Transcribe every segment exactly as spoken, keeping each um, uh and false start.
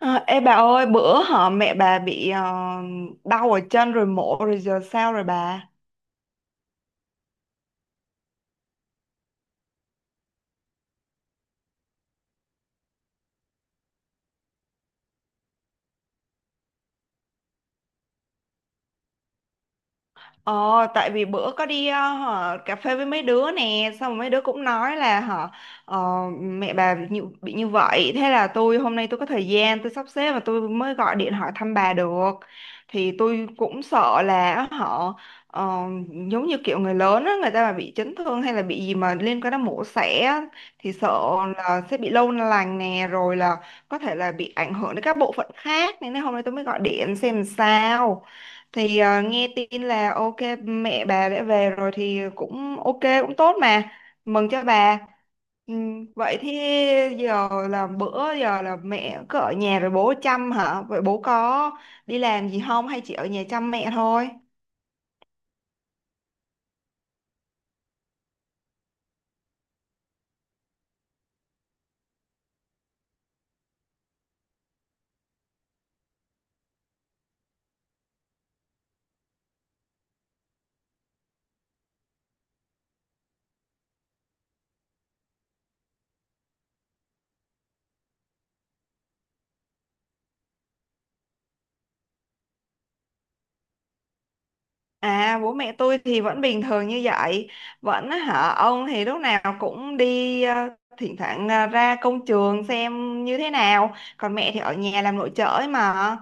À, ê bà ơi, bữa họ mẹ bà bị ờ, đau ở chân rồi mổ rồi giờ sao rồi bà? Ờ, tại vì bữa có đi ờ, hả, cà phê với mấy đứa nè xong rồi mấy đứa cũng nói là hả ờ, mẹ bà bị như, bị như vậy thế là tôi hôm nay tôi có thời gian tôi sắp xếp và tôi mới gọi điện hỏi thăm bà được thì tôi cũng sợ là họ ờ, giống như kiểu người lớn á, người ta mà bị chấn thương hay là bị gì mà liên quan đến mổ xẻ á, thì sợ là sẽ bị lâu lành nè rồi là có thể là bị ảnh hưởng đến các bộ phận khác nên hôm nay tôi mới gọi điện xem sao thì ờ, nghe tin là ok mẹ bà đã về rồi thì cũng ok cũng tốt mà mừng cho bà. Ừm, vậy thì giờ là bữa giờ là mẹ cứ ở nhà rồi bố chăm hả vậy bố có đi làm gì không hay chỉ ở nhà chăm mẹ thôi. À, bố mẹ tôi thì vẫn bình thường như vậy. Vẫn hả ông thì lúc nào cũng đi ờ, thỉnh thoảng ờ, ra công trường xem như thế nào. Còn mẹ thì ở nhà làm nội trợ ấy mà.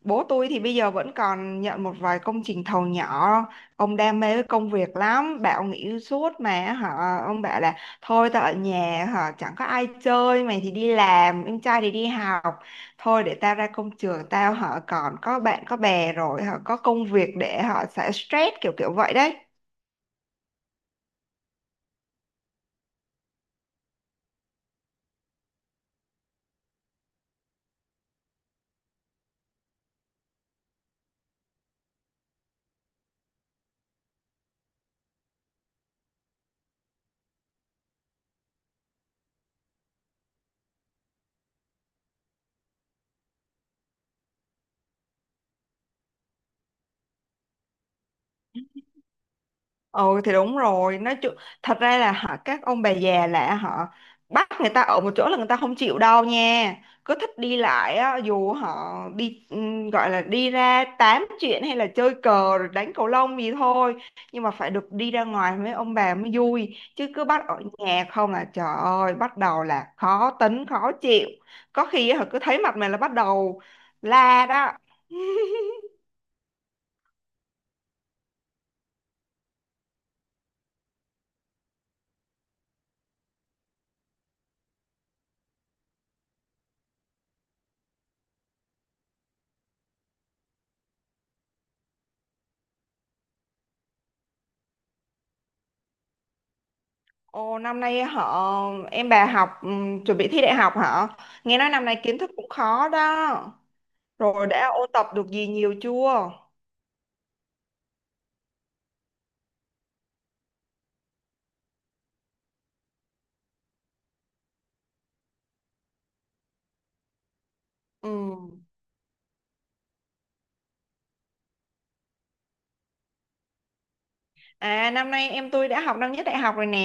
Bố tôi thì bây giờ vẫn còn nhận một vài công trình thầu nhỏ. Ông đam mê với công việc lắm. Bảo nghỉ suốt mà hả ông bảo là thôi tao ở nhà hả chẳng có ai chơi, mày thì đi làm, em trai thì đi học, thôi để tao ra công trường tao họ còn có bạn có bè rồi họ có công việc để họ sẽ stress kiểu kiểu vậy đấy. Ừ thì đúng rồi nói chung thật ra là họ các ông bà già là họ bắt người ta ở một chỗ là người ta không chịu đâu nha, cứ thích đi lại á dù họ đi ừm, gọi là đi ra tám chuyện hay là chơi cờ rồi đánh cầu lông gì thôi, nhưng mà phải được đi ra ngoài với ông bà mới vui chứ cứ bắt ở nhà không là trời ơi bắt đầu là khó tính khó chịu, có khi họ cứ thấy mặt mày là bắt đầu la đó. Ồ, năm nay họ em bà học ừm, chuẩn bị thi đại học hả? Nghe nói năm nay kiến thức cũng khó đó. Rồi đã ôn tập được gì nhiều chưa? Ừ. À, năm nay em tôi đã học năm nhất đại học rồi nè.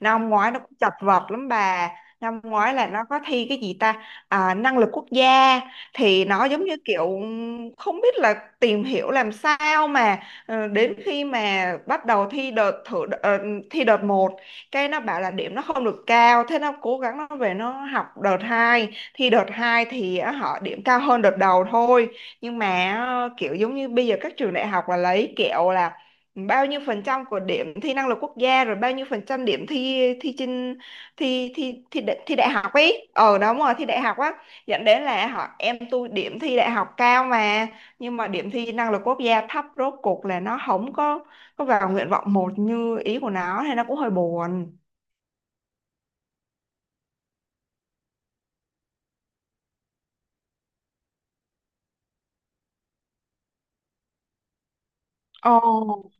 Năm ngoái nó cũng chật vật lắm bà. Năm ngoái là nó có thi cái gì ta? À, năng lực quốc gia, thì nó giống như kiểu ừm, không biết là tìm hiểu làm sao mà ờ, đến khi mà bắt đầu thi đợt thử ờ, thi đợt một cái nó bảo là điểm nó không được cao thế nó cố gắng nó về nó học đợt hai thi đợt hai thì ờ, họ điểm cao hơn đợt đầu thôi. Nhưng mà ờ, kiểu giống như bây giờ các trường đại học là lấy kiểu là bao nhiêu phần trăm của điểm thi năng lực quốc gia rồi bao nhiêu phần trăm điểm thi thi trên thi thi thi đại, thi đại học ấy ờ đúng rồi thi đại học á, dẫn đến là họ em tôi điểm thi đại học cao mà nhưng mà điểm thi năng lực quốc gia thấp rốt cuộc là nó không có có vào nguyện vọng một như ý của nó thì nó cũng hơi buồn. Ồ,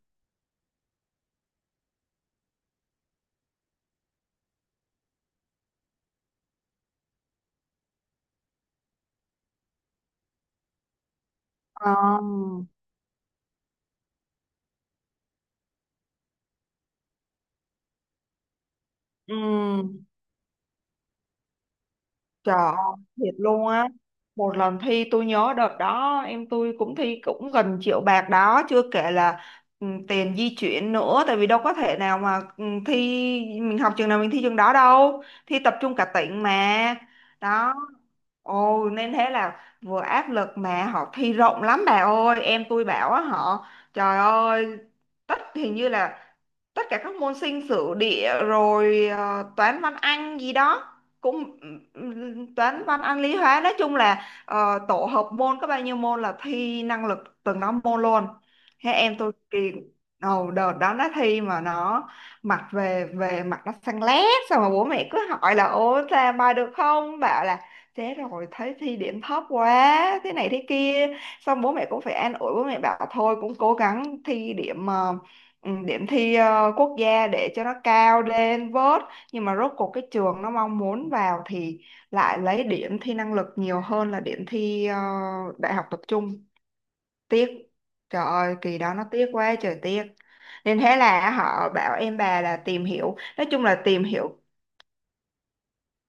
ờ. Ừ. Trời ơi, thiệt luôn á. Một lần thi tôi nhớ đợt đó em tôi cũng thi cũng gần triệu bạc đó, chưa kể là ừ, tiền di chuyển nữa tại vì đâu có thể nào mà ừ, thi mình học trường nào mình thi trường đó đâu. Thi tập trung cả tỉnh mà. Đó. Ồ nên thế là vừa áp lực mà họ thi rộng lắm bà ơi, em tôi bảo á họ trời ơi tất hình như là tất cả các môn sinh sử địa rồi ờ, toán văn anh gì đó, cũng toán văn Anh lý hóa nói chung là ờ, tổ hợp môn có bao nhiêu môn là thi năng lực từng đó môn luôn. Thế em tôi kỳ đầu đợt đó nó thi mà nó mặt về về mặt nó xanh lét xong mà bố mẹ cứ hỏi là ô ra bài được không bảo là thế rồi thấy thi điểm thấp quá thế này thế kia, xong bố mẹ cũng phải an ủi bố mẹ bảo thôi cũng cố gắng thi điểm ờ, ừ, điểm thi ờ, quốc gia để cho nó cao lên vớt, nhưng mà rốt cuộc cái trường nó mong muốn vào thì lại lấy điểm thi năng lực nhiều hơn là điểm thi ờ, đại học tập trung. Tiếc, trời ơi kỳ đó nó tiếc quá trời tiếc. Nên thế là họ bảo em bà là tìm hiểu nói chung là tìm hiểu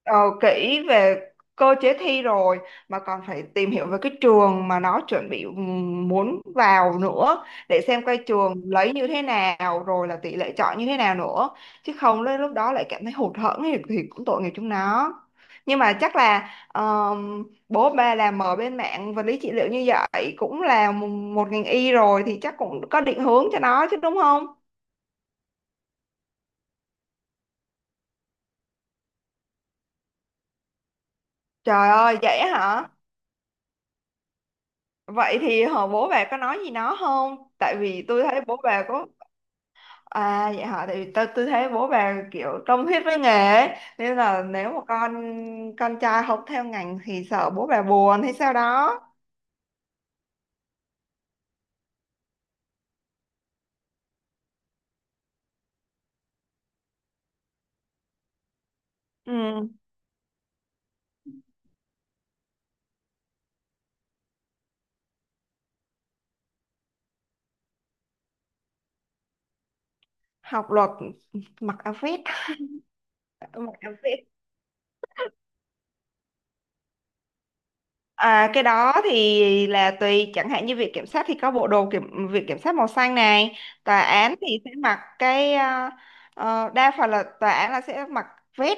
ờ, kỹ về cơ chế thi rồi mà còn phải tìm hiểu về cái trường mà nó chuẩn bị ừm, muốn vào nữa, để xem coi trường lấy như thế nào rồi là tỷ lệ chọi như thế nào nữa chứ không đến lúc đó lại cảm thấy hụt hẫng thì, thì cũng tội nghiệp chúng nó. Nhưng mà chắc là ờm, bố ba làm ở bên mạng vật lý trị liệu như vậy cũng là một một ngành y rồi thì chắc cũng có định hướng cho nó chứ đúng không. Trời ơi vậy hả. Vậy thì họ bố bà có nói gì nó không? Tại vì tôi thấy bố bà có à vậy hả? Tại vì tôi tôi thấy bố bà kiểu tâm huyết với nghề ấy. Nên là nếu mà con con trai học theo ngành thì sợ bố bà buồn hay sao đó. Ừ, học luật mặc áo vest. Ừ, mặc áo vest. À, cái đó thì là tùy chẳng hạn như viện kiểm sát thì có bộ đồ kiểm viện kiểm sát màu xanh này, tòa án thì sẽ mặc cái ờ, ờ, đa phần là tòa án là sẽ mặc vest.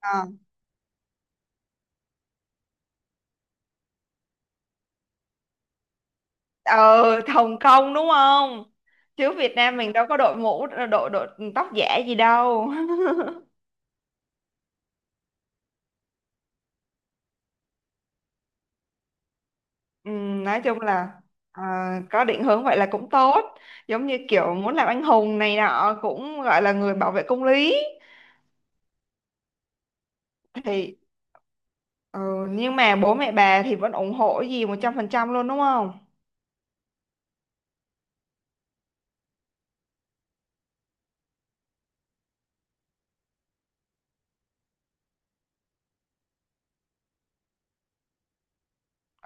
Ờ, ừ. Hồng Kông đúng không, chứ Việt Nam mình đâu có đội mũ đội đội tóc giả gì đâu. Ừm, nói chung là ờ, có định hướng vậy là cũng tốt, giống như kiểu muốn làm anh hùng này nọ cũng gọi là người bảo vệ công lý thì ừ, nhưng mà bố mẹ bà thì vẫn ủng hộ cái gì một trăm phần trăm luôn đúng không.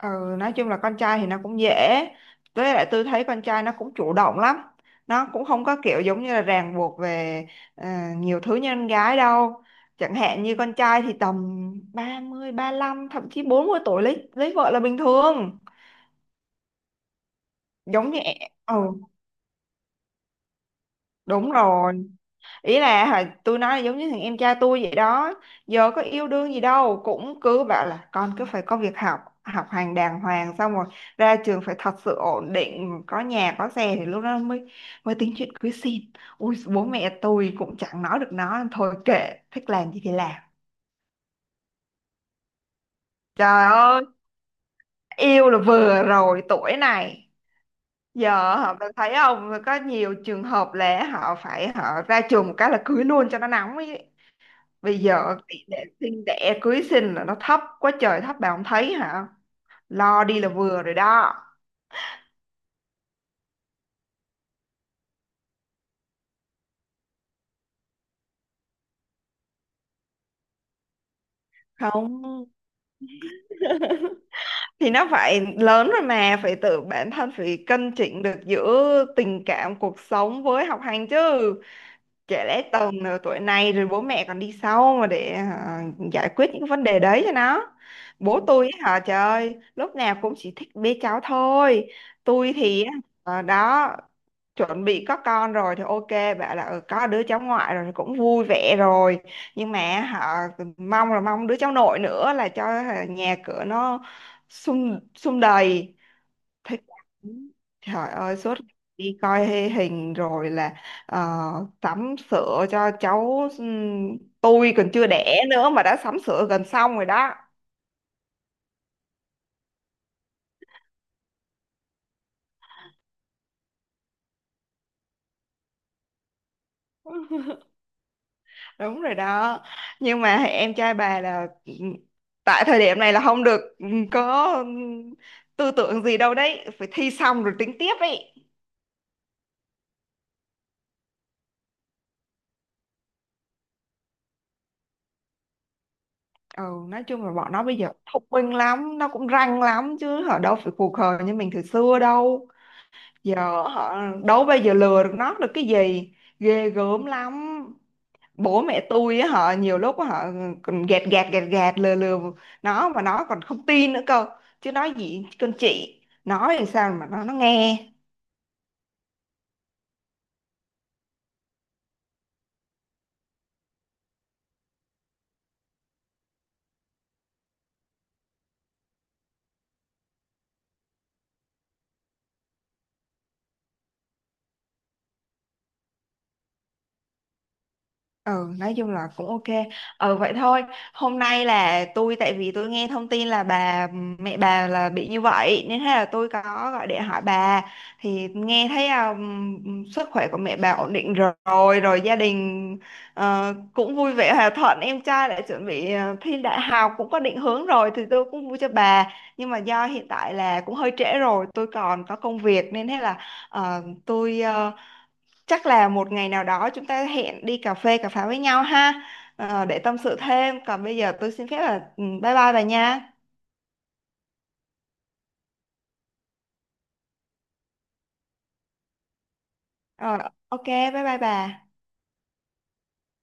Ừ, nói chung là con trai thì nó cũng dễ, với lại tôi thấy con trai nó cũng chủ động lắm, nó cũng không có kiểu giống như là ràng buộc về ờ, nhiều thứ như con gái đâu, chẳng hạn như con trai thì tầm ba mươi, lăm thậm chí bốn mươi tuổi lấy lấy vợ là bình thường. Giống như ừ đúng rồi, ý là hồi tôi nói giống như thằng em trai tôi vậy đó, giờ có yêu đương gì đâu cũng cứ bảo là con cứ phải có việc học học hành đàng hoàng xong rồi ra trường phải thật sự ổn định có nhà có xe thì lúc đó mới mới tính chuyện cưới xin, ui bố mẹ tôi cũng chẳng nói được nó thôi kệ thích làm gì thì làm. Trời ơi yêu là vừa rồi tuổi này, giờ họ bạn thấy không có nhiều trường hợp là họ phải họ ra trường một cái là cưới luôn cho nó nóng ấy, bây giờ tỷ lệ sinh đẻ cưới sinh là nó thấp quá trời thấp bà không thấy hả, lo đi là vừa rồi đó. Không, thì nó phải lớn rồi mà phải tự bản thân phải cân chỉnh được giữa tình cảm cuộc sống với học hành chứ, trẻ lẽ tầm nửa tuổi này rồi bố mẹ còn đi sau mà để hả, giải quyết những vấn đề đấy cho nó. Bố tôi ấy hả trời ơi lúc nào cũng chỉ thích bế cháu thôi, tôi thì á, ờ, đó chuẩn bị có con rồi thì ok bảo là ừ, có đứa cháu ngoại rồi thì cũng vui vẻ rồi, nhưng mà họ mong là mong đứa cháu nội nữa là cho hả, nhà cửa nó sum sum đầy, thích lắm. Trời ơi suốt ngày đi coi hay hình rồi là ờ, sắm sửa cho cháu ừm, tôi còn chưa đẻ nữa mà đã sắm sửa gần xong rồi đó. Đúng rồi đó, nhưng mà em trai bà là ừm, tại thời điểm này là không được ừm, có ừm, tư tưởng gì đâu đấy phải thi xong rồi tính tiếp ấy. Ừ, nói chung là bọn nó bây giờ thông minh lắm nó cũng ranh lắm chứ ở đâu phải khù khờ như mình thời xưa đâu, giờ họ đâu bây giờ lừa được nó được cái gì, ghê gớm lắm. Bố mẹ tôi á họ nhiều lúc họ còn gạt gạt gạt gạt lừa lừa nó mà nó còn không tin nữa cơ, chứ nói gì con chị nói làm sao mà nó nó nghe. Ừ, nói chung là cũng ok. Ừ, vậy thôi. Hôm nay là tôi, tại vì tôi nghe thông tin là bà, mẹ bà là bị như vậy, nên thế là tôi có gọi điện hỏi bà. Thì nghe thấy um, sức khỏe của mẹ bà ổn định rồi, rồi gia đình ờ, cũng vui vẻ hòa thuận. Em trai đã chuẩn bị ờ, thi đại học, cũng có định hướng rồi, thì tôi cũng vui cho bà. Nhưng mà do hiện tại là cũng hơi trễ rồi, tôi còn có công việc, nên thế là ờ, tôi ờ, chắc là một ngày nào đó chúng ta hẹn đi cà phê cà pháo với nhau ha, ờ, để tâm sự thêm còn bây giờ tôi xin phép là ừ, bye bye bà nha. ờ, ok bye bye bà.